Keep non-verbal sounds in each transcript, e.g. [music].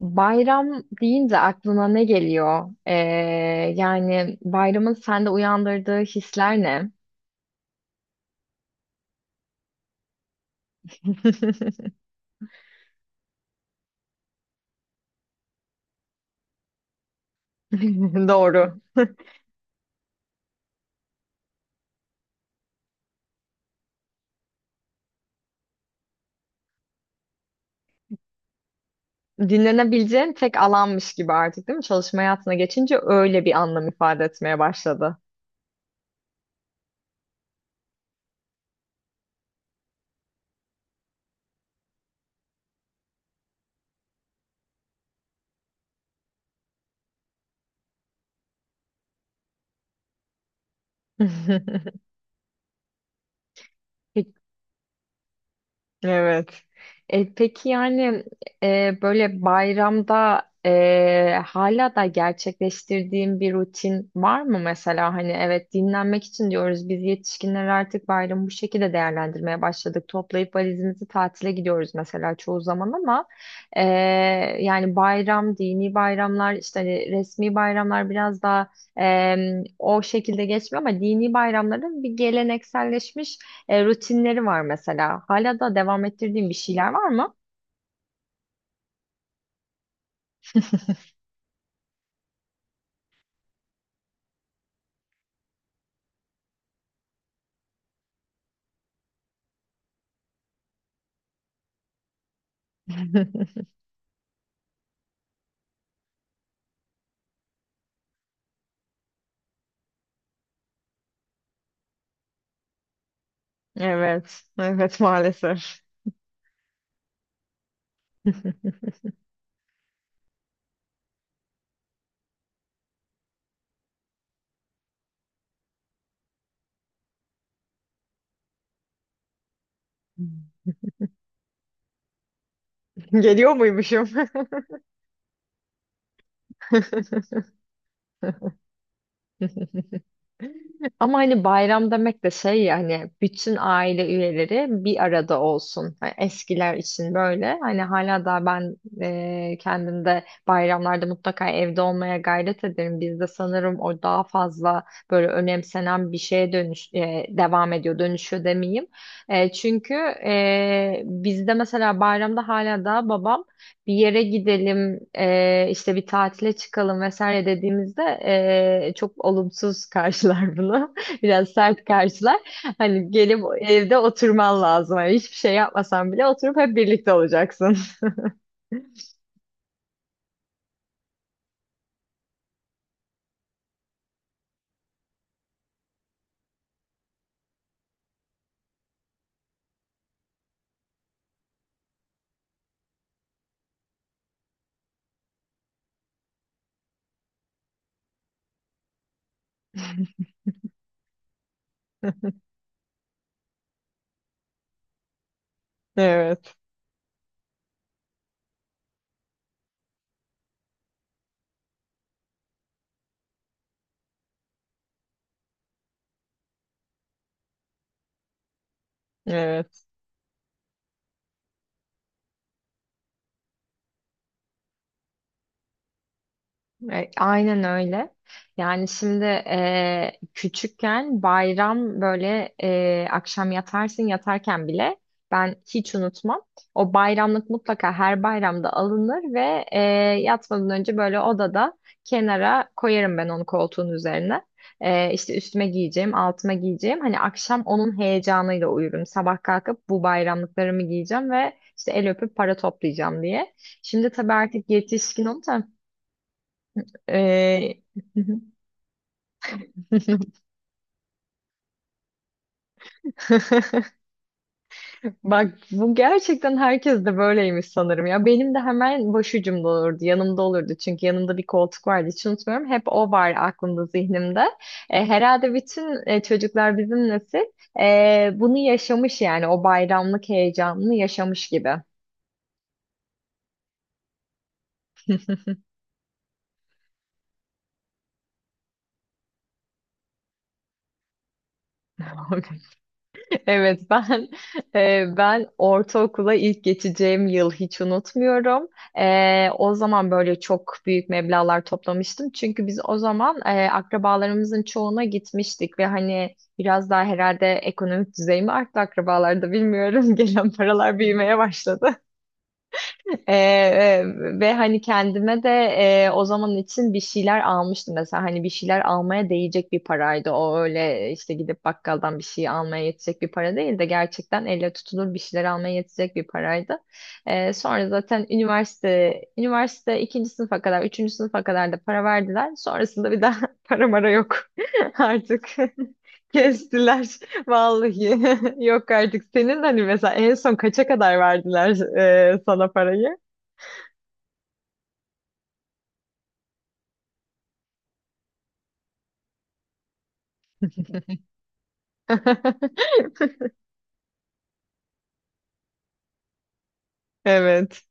Bayram deyince aklına ne geliyor? Yani bayramın sende uyandırdığı hisler ne? [laughs] Doğru. Dinlenebileceğin tek alanmış gibi artık değil mi? Çalışma hayatına geçince öyle bir anlam ifade etmeye başladı. [laughs] Peki. Evet. Peki yani, böyle bayramda hala da gerçekleştirdiğim bir rutin var mı mesela? Hani evet, dinlenmek için diyoruz, biz yetişkinler artık bayramı bu şekilde değerlendirmeye başladık. Toplayıp valizimizi tatile gidiyoruz mesela çoğu zaman, ama e, yani bayram, dini bayramlar işte, hani resmi bayramlar biraz daha e, o şekilde geçmiyor, ama dini bayramların bir gelenekselleşmiş rutinleri var mesela. Hala da devam ettirdiğin bir şeyler var mı? [laughs] Evet, evet, maalesef. [laughs] Geliyor muymuşum? [laughs] Ama hani bayram demek de şey ya, hani bütün aile üyeleri bir arada olsun. Hani eskiler için böyle. Hani hala da ben kendimde bayramlarda mutlaka evde olmaya gayret ederim. Bizde sanırım o daha fazla böyle önemsenen bir şeye dönüş devam ediyor. Dönüşüyor demeyeyim. Çünkü bizde mesela bayramda hala da babam bir yere gidelim, işte bir tatile çıkalım vesaire dediğimizde çok olumsuz [laughs] karşılar bunu. Biraz sert karşılar. Hani gelip evde oturman lazım. Hani hiçbir şey yapmasan bile oturup hep birlikte olacaksın. [laughs] Evet, evet. Aynen öyle. Yani şimdi, küçükken bayram böyle, akşam yatarsın, yatarken bile ben hiç unutmam. O bayramlık mutlaka her bayramda alınır ve yatmadan önce böyle odada kenara koyarım ben onu koltuğun üzerine. İşte üstüme giyeceğim, altıma giyeceğim. Hani akşam onun heyecanıyla uyurum. Sabah kalkıp bu bayramlıklarımı giyeceğim ve işte el öpüp para toplayacağım diye. Şimdi tabii artık yetişkin oldum. Ee, [laughs] Bak, bu gerçekten herkes de böyleymiş sanırım ya. Benim de hemen başucumda olurdu, yanımda olurdu. Çünkü yanımda bir koltuk vardı, hiç unutmuyorum. Hep o var aklımda, zihnimde. Herhalde bütün çocuklar, bizim nesil, bunu yaşamış yani, o bayramlık heyecanını yaşamış gibi. [laughs] [laughs] Evet, ben ben ortaokula ilk geçeceğim yıl hiç unutmuyorum. O zaman böyle çok büyük meblağlar toplamıştım. Çünkü biz o zaman akrabalarımızın çoğuna gitmiştik ve hani biraz daha herhalde ekonomik düzey arttı akrabalarda, bilmiyorum. [laughs] Gelen paralar büyümeye başladı. Ee, e, ve hani kendime de o zaman için bir şeyler almıştım mesela, hani bir şeyler almaya değecek bir paraydı o, öyle işte gidip bakkaldan bir şey almaya yetecek bir para değil de gerçekten elle tutulur bir şeyler almaya yetecek bir paraydı. Sonra zaten üniversite ikinci sınıfa kadar, üçüncü sınıfa kadar da para verdiler, sonrasında bir daha [laughs] para mara yok [laughs] artık. [laughs] Kestiler [laughs] vallahi. [laughs] Yok artık. Senin hani mesela en son kaça kadar verdiler sana parayı? [laughs] Evet.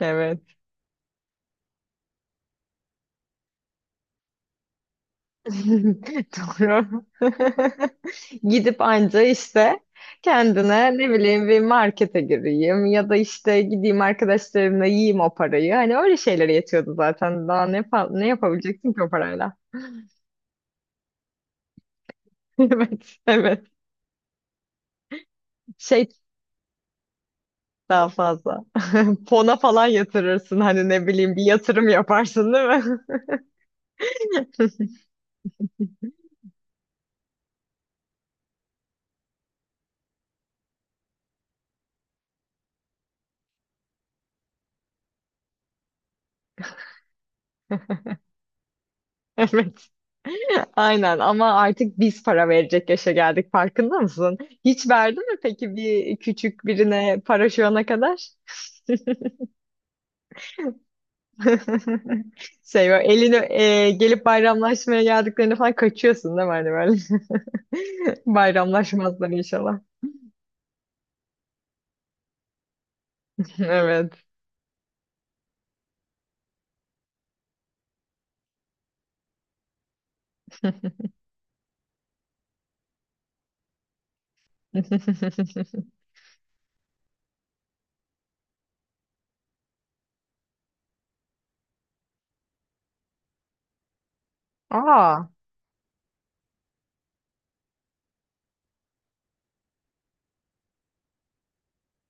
Evet. [laughs] Doğru. [laughs] Gidip anca işte kendine, ne bileyim, bir markete gireyim ya da işte gideyim arkadaşlarımla yiyeyim o parayı. Hani öyle şeylere yetiyordu zaten. Daha ne, ne yapabileceksin ki o parayla? [laughs] Evet, evet. Şey, daha fazla. [laughs] Fona falan yatırırsın, hani ne bileyim, bir yatırım yaparsın değil mi? [laughs] [laughs] Evet. Aynen, ama artık biz para verecek yaşa geldik, farkında mısın? Hiç verdin mi peki bir küçük birine para şu ana kadar? [laughs] Şey, böyle elini gelip bayramlaşmaya geldiklerinde falan kaçıyorsun değil mi? Hani böyle [laughs] bayramlaşmazlar inşallah. [laughs] Evet. [laughs] Aa.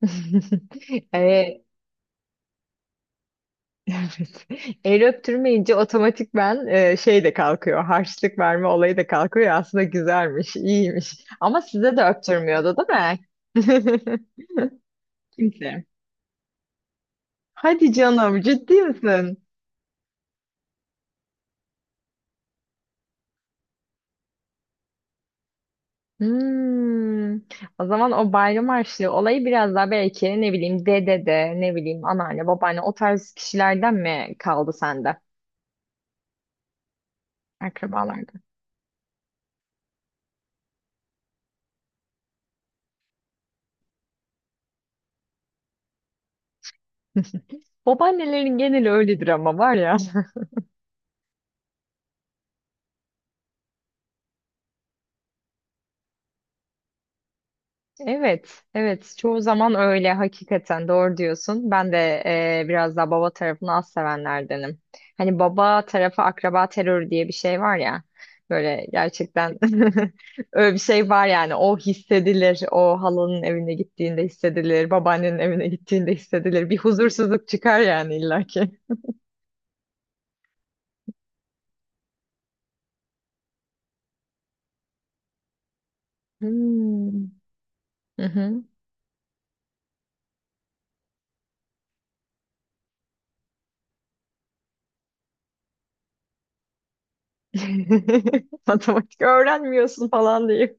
[laughs] E, Evet. El öptürmeyince otomatik ben şey de kalkıyor. Harçlık verme olayı da kalkıyor. Aslında güzelmiş, iyiymiş. Ama size de öptürmüyordu değil mi? [laughs] Kimse. Hadi canım, ciddi misin? Hmm. O zaman o bayram harçlığı olayı biraz daha belki, ne bileyim, dede de, ne bileyim, anneanne, babaanne, o tarz kişilerden mi kaldı sende? Akrabalarda. Babaannelerin geneli öyledir ama, var ya. Evet, evet. Çoğu zaman öyle, hakikaten doğru diyorsun. Ben de biraz daha baba tarafını az sevenlerdenim. Hani baba tarafı akraba terörü diye bir şey var ya. Böyle gerçekten [laughs] öyle bir şey var yani. O hissedilir. O halanın evine gittiğinde hissedilir. Babaannenin evine gittiğinde hissedilir. Bir huzursuzluk çıkar yani illaki. Hmm. Hı hı. [laughs] Matematik öğrenmiyorsun falan diye.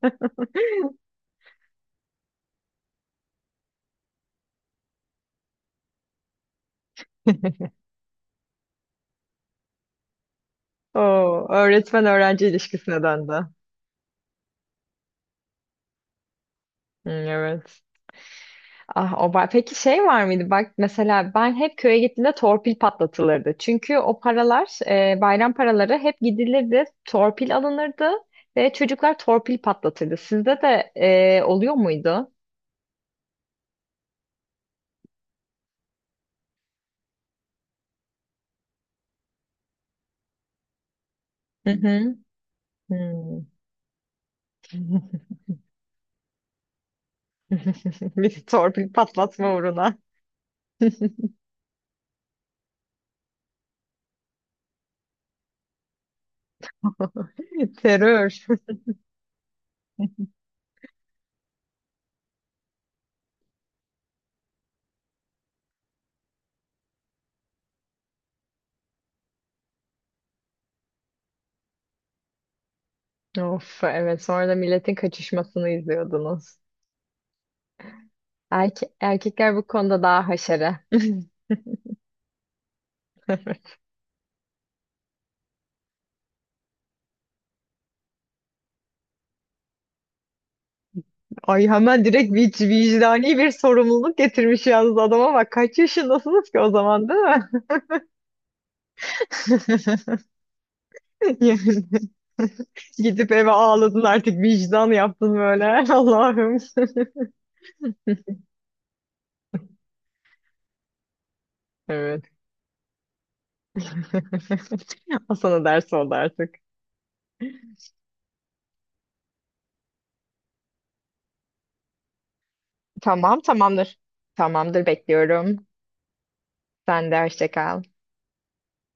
Oo, öğretmen öğrenci ilişkisine döndü. Hı, evet. Ah o peki şey var mıydı? Bak mesela ben hep köye gittiğimde torpil patlatılırdı. Çünkü o paralar, bayram paraları, hep gidilirdi, torpil alınırdı ve çocuklar torpil patlatırdı. Sizde de oluyor muydu? Hı hı. Hmm. [laughs] Bir torpil patlatma uğruna. [laughs] Terör. Of evet, sonra da milletin kaçışmasını izliyordunuz. Erkekler bu konuda daha haşere. [laughs] Ay, hemen direkt vicdani bir sorumluluk getirmiş yalnız, adama bak. Kaç yaşındasınız ki o zaman, değil mi? [laughs] Yani gidip eve ağladın artık, vicdan yaptın böyle. [laughs] Allah'ım. Evet. [laughs] O sana ders oldu artık. Tamam, tamamdır. Tamamdır, bekliyorum. Sen de hoşça kal.